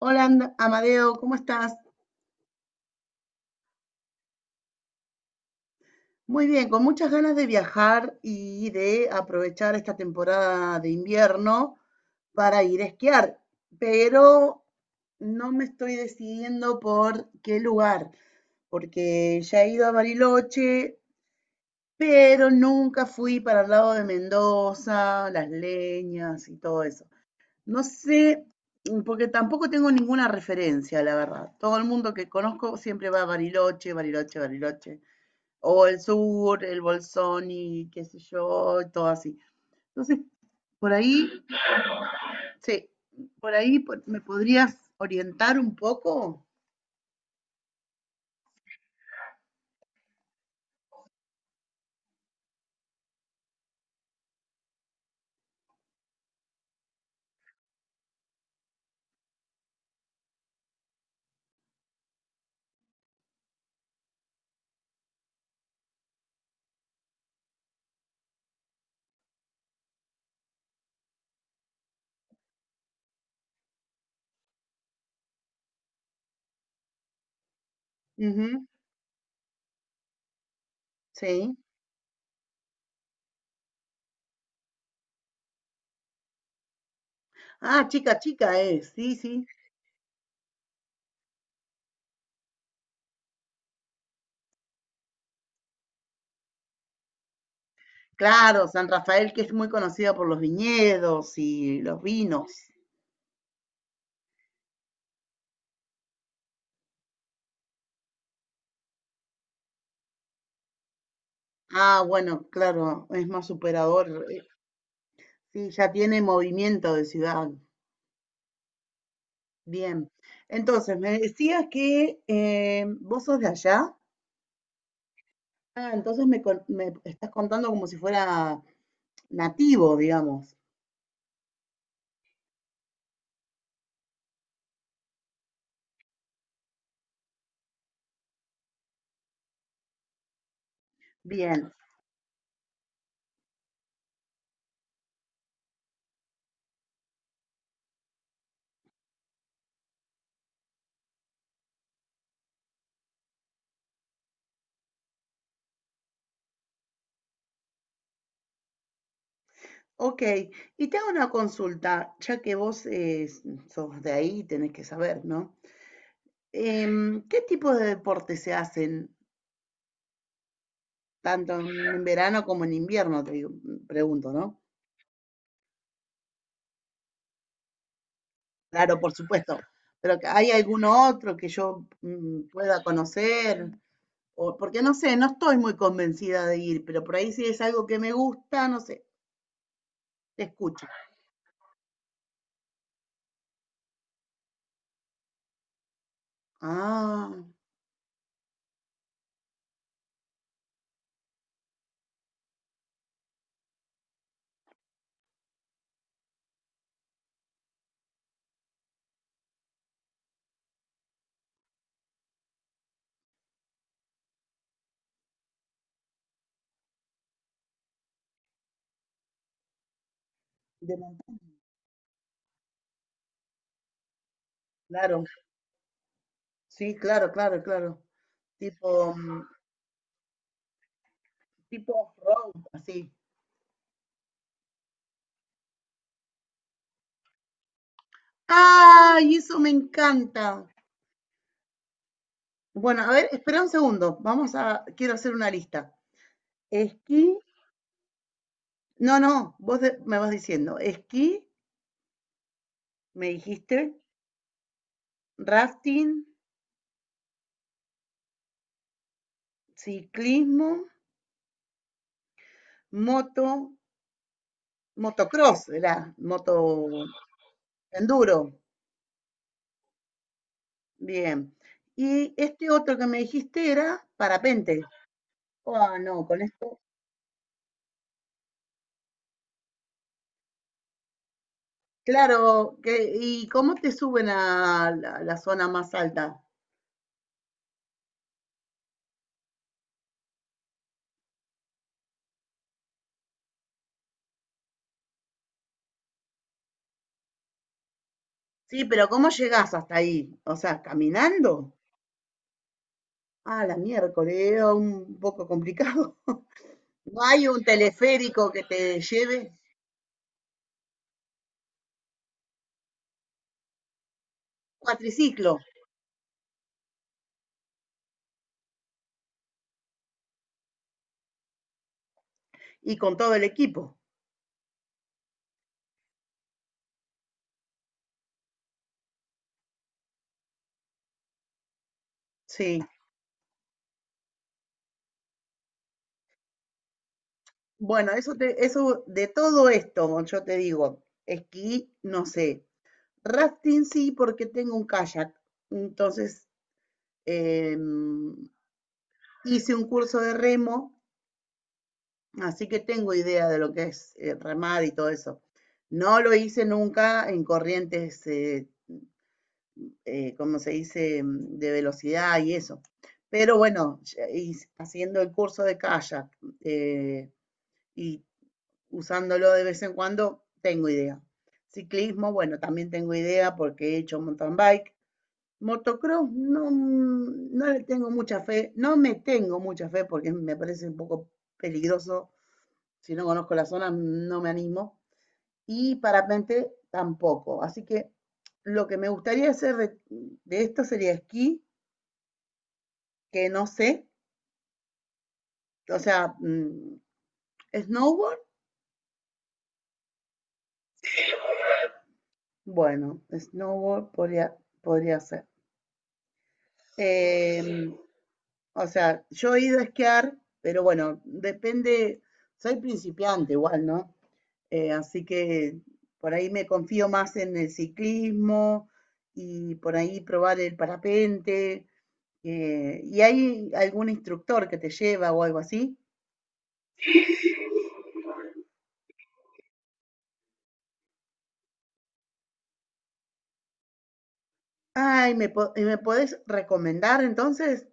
Hola, Amadeo, ¿cómo estás? Muy bien, con muchas ganas de viajar y de aprovechar esta temporada de invierno para ir a esquiar, pero no me estoy decidiendo por qué lugar, porque ya he ido a Bariloche, pero nunca fui para el lado de Mendoza, Las Leñas y todo eso. No sé, porque tampoco tengo ninguna referencia, la verdad. Todo el mundo que conozco siempre va a Bariloche, Bariloche, Bariloche, o el sur, el Bolsón y qué sé yo, y todo así. Entonces, por ahí, sí, por ahí me podrías orientar un poco. Ujú, sí. Ah, chica, chica es, sí, sí. Claro, San Rafael, que es muy conocida por los viñedos y los vinos. Ah, bueno, claro, es más superador. Sí, ya tiene movimiento de ciudad. Bien. Entonces, me decías que vos sos de allá. Ah, entonces me estás contando como si fuera nativo, digamos. Bien, ok. Y te hago una consulta, ya que vos sos de ahí, tenés que saber, ¿no? ¿Qué tipo de deportes se hacen tanto en verano como en invierno? Te digo, pregunto, ¿no? Claro, por supuesto. Pero que ¿hay alguno otro que yo pueda conocer? O, porque no sé, no estoy muy convencida de ir, pero por ahí si es algo que me gusta, no sé, te escucho. Ah. de monta- claro, sí, claro, claro, claro. Tipo, tipo off-road, así. ¡Ay, eso me encanta! Bueno, a ver, espera un segundo. Vamos a, quiero hacer una lista. Esquí, no, no, me vas diciendo. Esquí, me dijiste, rafting, ciclismo, moto, motocross, era moto enduro. Bien. Y este otro que me dijiste era parapente. Oh, no, con esto. Claro, que, ¿y cómo te suben a la, la zona más alta? Sí, pero ¿cómo llegás hasta ahí? O sea, ¿caminando? Ah, la miércoles, era un poco complicado. ¿No hay un teleférico que te lleve? Cuatriciclo y con todo el equipo. Sí. Bueno, eso te, eso de todo esto, yo te digo, esquí, no sé. Rafting sí, porque tengo un kayak. Entonces, em, hice un curso de remo. Así que tengo idea de lo que es remar y todo eso. No lo hice nunca en corrientes, como se dice, de velocidad y eso. Pero bueno, haciendo el curso de kayak eh, y usándolo de vez en cuando, tengo idea. Ciclismo, bueno, también tengo idea porque he hecho mountain bike. Motocross, no, no le tengo mucha fe, no me tengo mucha fe porque me parece un poco peligroso, si no conozco la zona, no me animo. Y parapente tampoco. Así que lo que me gustaría hacer de esto sería esquí, que no sé. O sea, snowboard, bueno, snowboard podría, podría ser. Eh, o sea, yo he ido a esquiar, pero bueno, depende, soy principiante igual, ¿no? Así que por ahí me confío más en el ciclismo y por ahí probar el parapente. ¿Y hay algún instructor que te lleva o algo así? Ay, ¿ y me podés recomendar entonces?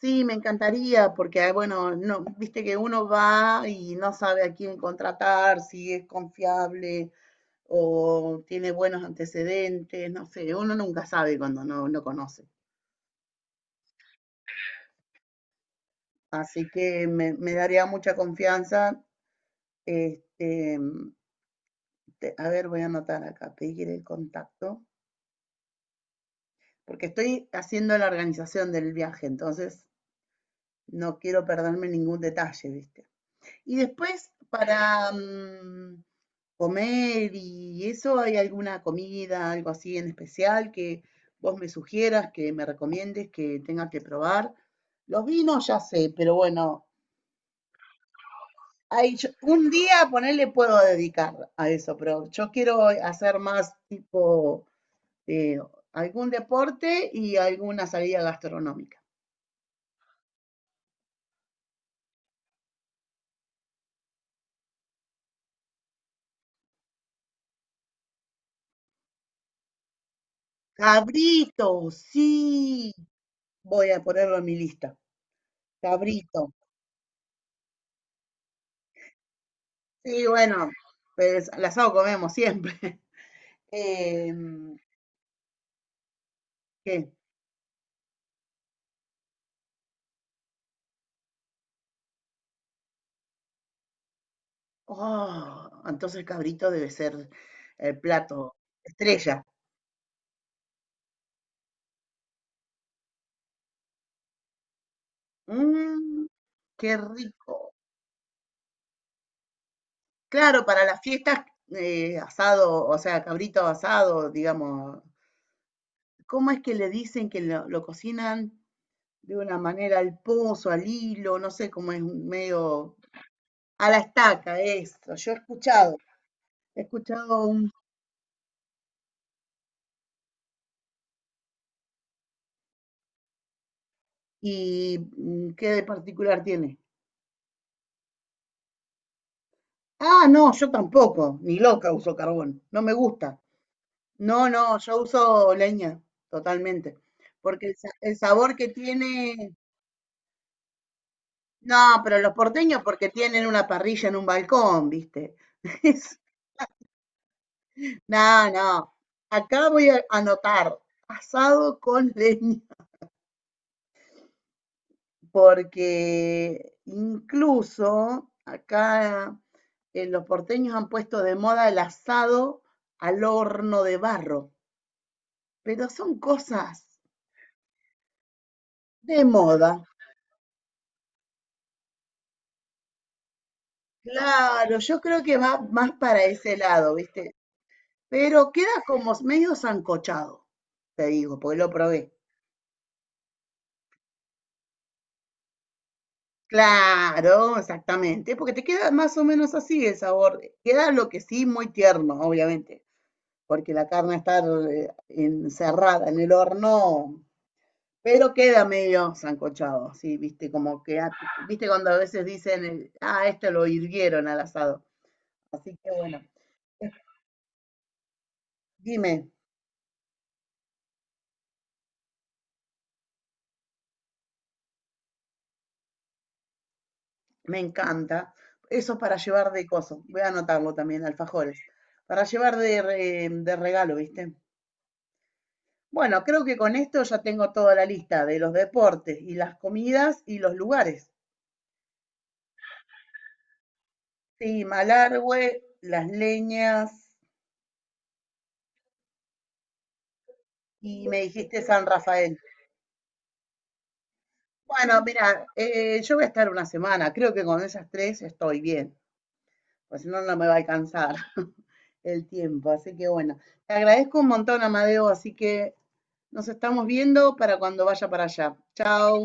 Sí, me encantaría, porque ah, bueno, no, viste que uno va y no sabe a quién contratar, si es confiable o tiene buenos antecedentes, no sé, uno nunca sabe cuando no, no conoce. Así que me daría mucha confianza. Este, a ver, voy a anotar acá, pedir el contacto, porque estoy haciendo la organización del viaje, entonces no quiero perderme ningún detalle, ¿viste? Y después para comer y eso, ¿hay alguna comida, algo así en especial que vos me sugieras, que me recomiendes, que tenga que probar? Los vinos ya sé, pero bueno, hay, un día ponerle puedo dedicar a eso, pero yo quiero hacer más tipo eh, algún deporte y alguna salida gastronómica. Cabrito, sí, voy a ponerlo en mi lista. Cabrito. Sí, bueno, pues al asado comemos siempre. Em, ¿qué? Oh, entonces cabrito debe ser el plato estrella. Mm, qué rico. Claro, para las fiestas, asado, o sea, cabrito asado, digamos. ¿Cómo es que le dicen que lo cocinan de una manera al pozo, al hilo? No sé cómo es, un medio. A la estaca, eso. Yo he escuchado un... ¿Y qué de particular tiene? Ah, no, yo tampoco, ni loca uso carbón, no me gusta. No, no, yo uso leña, totalmente. Porque el, el sabor que tiene... No, pero los porteños porque tienen una parrilla en un balcón, ¿viste? Es- No, no. Acá voy a anotar, asado con leña, porque incluso acá los porteños han puesto de moda el asado al horno de barro, pero son cosas de moda. Claro, yo creo que va más para ese lado, ¿viste? Pero queda como medio sancochado, te digo, porque lo probé. Claro, exactamente, porque te queda más o menos así el sabor. Queda lo que sí muy tierno, obviamente, porque la carne está encerrada en el horno, pero queda medio sancochado. ¿Sí? Viste, como que, ah, viste cuando a veces dicen, ah, esto lo hirvieron al asado. Así que bueno, dime, me encanta. Eso para llevar de coso, voy a anotarlo también, alfajores, para llevar de, de regalo, ¿viste? Bueno, creo que con esto ya tengo toda la lista de los deportes y las comidas y los lugares. Sí, Malargüe, Las Leñas, y me dijiste San Rafael. Bueno, mira, yo voy a estar una semana. Creo que con esas tres estoy bien. Pues si no, no me va a alcanzar el tiempo. Así que bueno, te agradezco un montón, Amadeo. Así que nos estamos viendo para cuando vaya para allá. Chao.